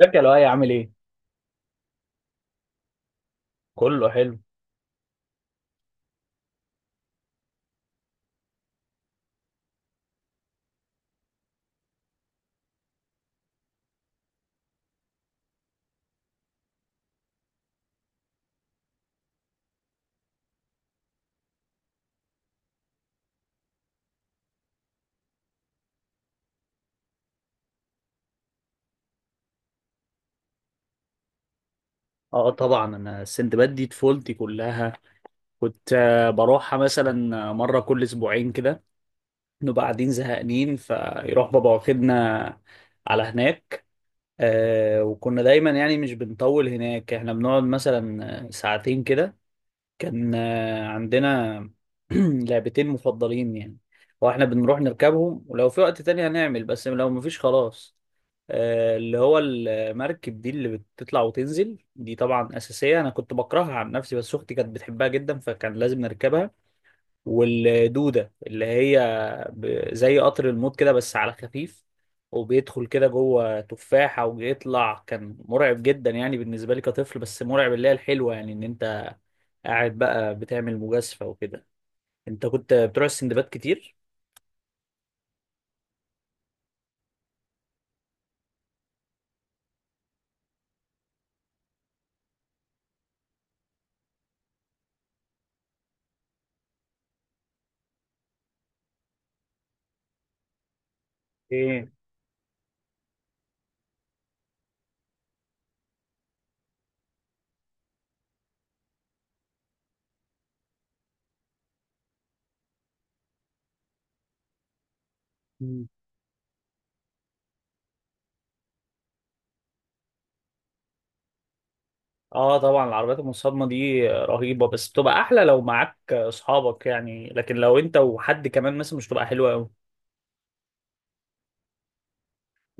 ازيك يا لؤي؟ عامل ايه؟ كله حلو. اه طبعا، انا السندباد دي طفولتي كلها. كنت بروحها مثلا مره كل اسبوعين كده، نبقى قاعدين زهقانين فيروح بابا واخدنا على هناك. آه، وكنا دايما يعني مش بنطول هناك، احنا بنقعد مثلا ساعتين كده. كان عندنا لعبتين مفضلين يعني، واحنا بنروح نركبهم، ولو في وقت تاني هنعمل، بس لو مفيش خلاص اللي هو المركب دي اللي بتطلع وتنزل دي، طبعا أساسية. أنا كنت بكرهها عن نفسي، بس أختي كانت بتحبها جدا فكان لازم نركبها. والدودة اللي هي زي قطر الموت كده بس على خفيف، وبيدخل كده جوه تفاحة وبيطلع. كان مرعب جدا يعني بالنسبة لي كطفل، بس مرعب اللي هي الحلوة، يعني إن أنت قاعد بقى بتعمل مجازفة وكده. انت كنت بتروح السندباد كتير؟ ايه. مم. اه طبعا، العربيات المصادمة دي رهيبة، بس بتبقى احلى لو معاك اصحابك يعني، لكن لو انت وحد كمان مثلا مش بتبقى حلوة قوي.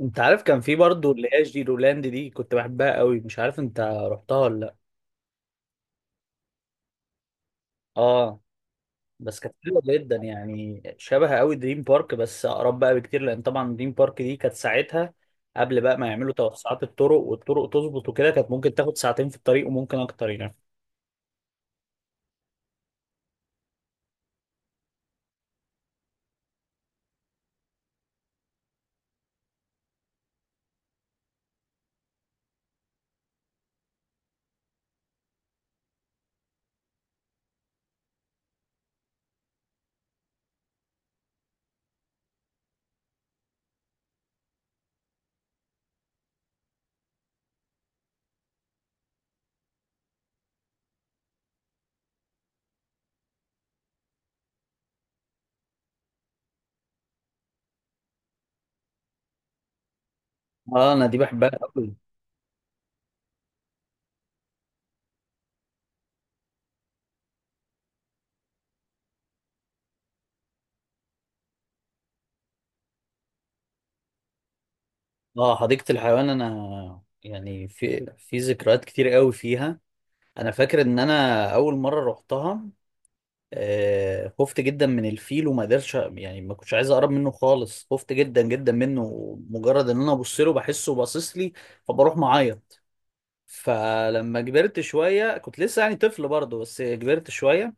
انت عارف كان في برضو اللي هي جيرولاند دي، كنت بحبها قوي. مش عارف انت رحتها ولا لا؟ اه، بس كانت حلوه جدا يعني، شبه قوي دريم بارك بس اقرب بقى بكتير، لان طبعا دريم بارك دي كانت ساعتها قبل بقى ما يعملوا توسعات الطرق، والطرق تظبط وكده، كانت ممكن تاخد ساعتين في الطريق وممكن اكتر يعني. اه انا دي بحبها قوي. اه حديقة الحيوان، انا يعني في في ذكريات كتير قوي فيها. انا فاكر ان انا اول مرة رحتها آه، خفت جدا من الفيل وما قدرتش يعني، ما كنتش عايز اقرب منه خالص، خفت جدا جدا منه. مجرد ان انا ابص له بحسه باصص لي فبروح معايا. فلما كبرت شوية، كنت لسه يعني طفل برضه بس كبرت شوية،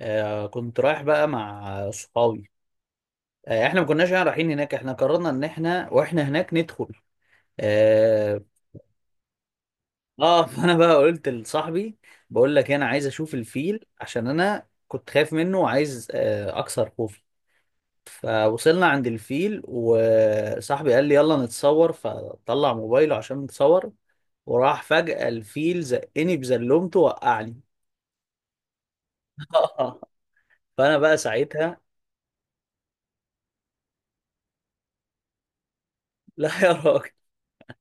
كنت رايح بقى مع صحابي. احنا ما كناش يعني رايحين هناك، احنا قررنا ان احنا واحنا هناك ندخل. اه. فانا بقى قلت لصاحبي، بقول لك انا عايز اشوف الفيل عشان انا كنت خايف منه، وعايز اكسر خوفي. فوصلنا عند الفيل، وصاحبي قال لي يلا نتصور، فطلع موبايله عشان نتصور، وراح فجأة الفيل زقني بزلومته وقعني فانا بقى ساعتها لا يا راجل.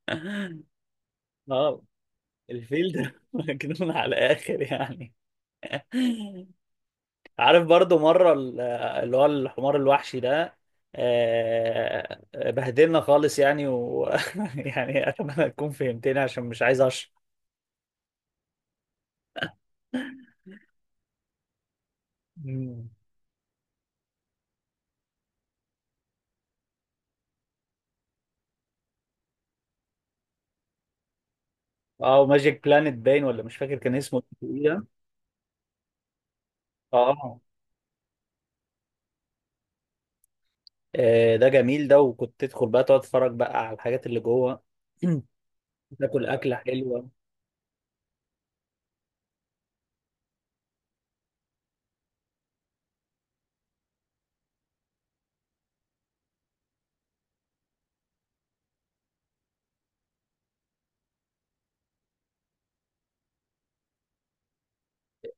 اه، الفيل ده مجنون على الاخر يعني. عارف برضو مره اللي هو الحمار الوحشي ده بهدلنا خالص يعني و... يعني اتمنى تكون فهمتني عشان مش عايز اشرح. مم. اه، ماجيك بلانت باين، ولا مش فاكر كان اسمه ايه ده. اه ده جميل ده، وكنت تدخل بقى تقعد تتفرج بقى على الحاجات اللي جوه. تاكل اكله حلوه.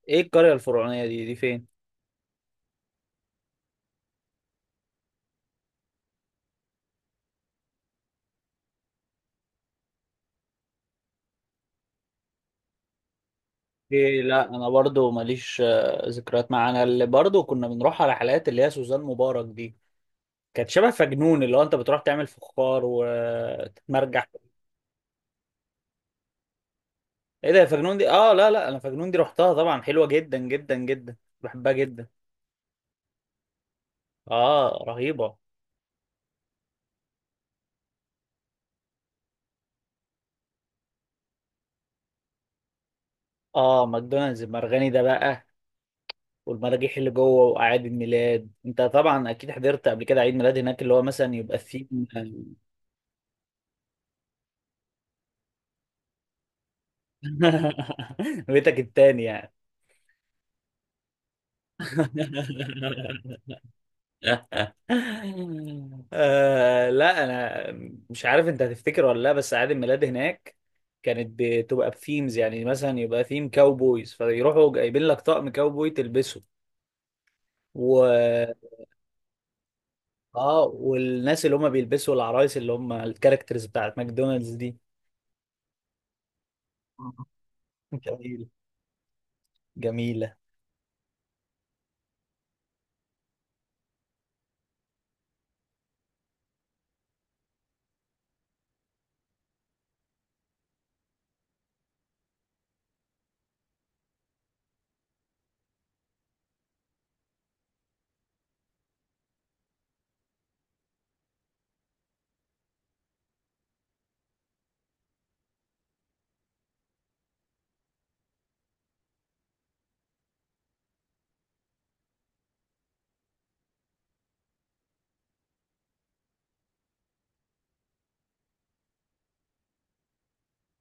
ايه القريه الفرعونيه دي؟ دي فين؟ إيه لا، انا برضو ماليش ذكريات معاه. انا اللي برضو كنا بنروح على حلقات اللي هي سوزان مبارك دي، كانت شبه فجنون، اللي هو انت بتروح تعمل فخار وتتمرجح. ايه ده يا فجنون دي؟ اه لا لا، انا فجنون دي رحتها طبعا، حلوه جدا جدا جدا، بحبها جدا. اه رهيبه. اه ماكدونالدز المرغني ده بقى، والمراجيح اللي جوه، واعياد الميلاد. انت طبعا اكيد حضرت قبل كده عيد ميلاد هناك، اللي هو مثلا يبقى فيه. بيتك التاني يعني. آه لا، انا مش عارف انت هتفتكر ولا لا، بس اعياد الميلاد هناك كانت بتبقى بثيمز، يعني مثلا يبقى ثيم كاوبويز فيروحوا جايبين لك طقم كاوبوي تلبسه، و... اه، والناس اللي هم بيلبسوا العرايس، اللي هم الكاركترز بتاعت ماكدونالدز دي. جميلة. جميلة.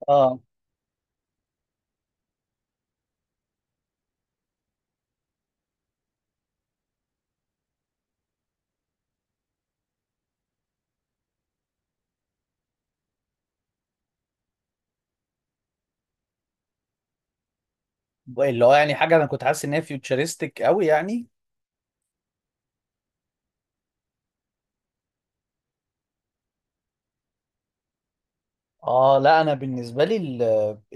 اه، اللي هو يعني حاجة انا كنت حاسس ان هي فيوتشرستك قوي يعني. اه لا، انا بالنسبه لي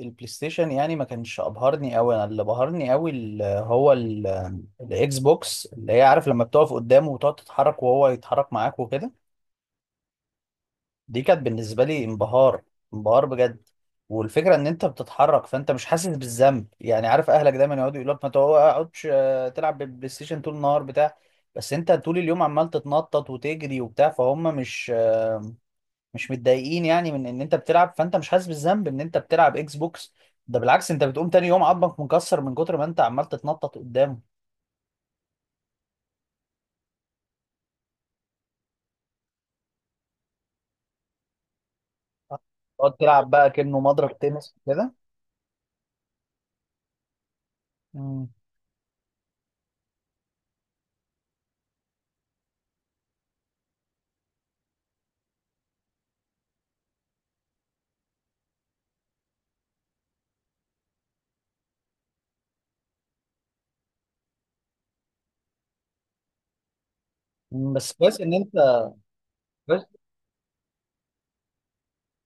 البلاي ستيشن يعني ما كانش ابهرني قوي. انا اللي بهرني قوي هو الاكس بوكس، اللي هي عارف لما بتقف قدامه وتقعد تتحرك وهو يتحرك معاك وكده. دي كانت بالنسبه لي انبهار، انبهار بجد. والفكره ان انت بتتحرك فانت مش حاسس بالذنب، يعني عارف اهلك دايما يقعدوا يقولوا لك ما تقعدش تلعب بالبلاي ستيشن طول النهار بتاع. بس انت طول اليوم عمال تتنطط وتجري وبتاع، فهم مش متضايقين يعني من ان انت بتلعب، فانت مش حاسس بالذنب ان انت بتلعب اكس بوكس. ده بالعكس، انت بتقوم تاني يوم عضمك مكسر من كتر ما انت عمال تتنطط قدامه. تقعد تلعب بقى كأنه مضرب تنس كده. مم. مم، بس كويس ان انت كويس.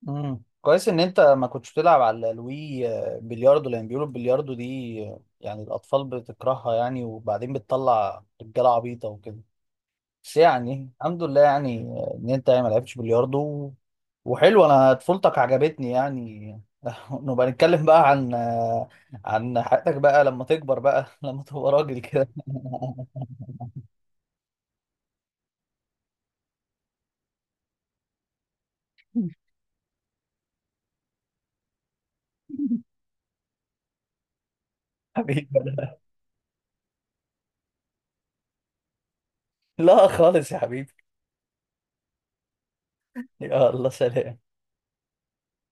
مم. كويس ان انت ما كنتش بتلعب على الوي بلياردو، لان بيقولوا البلياردو دي يعني الاطفال بتكرهها يعني، وبعدين بتطلع رجاله عبيطه وكده. بس يعني الحمد لله يعني، ان انت يعني ما لعبتش بلياردو. وحلو، انا طفولتك عجبتني يعني. نبقى نتكلم بقى عن عن حياتك بقى لما تكبر بقى، لما تبقى راجل كده. حبيبي. لا خالص يا حبيبي. يلا سلام.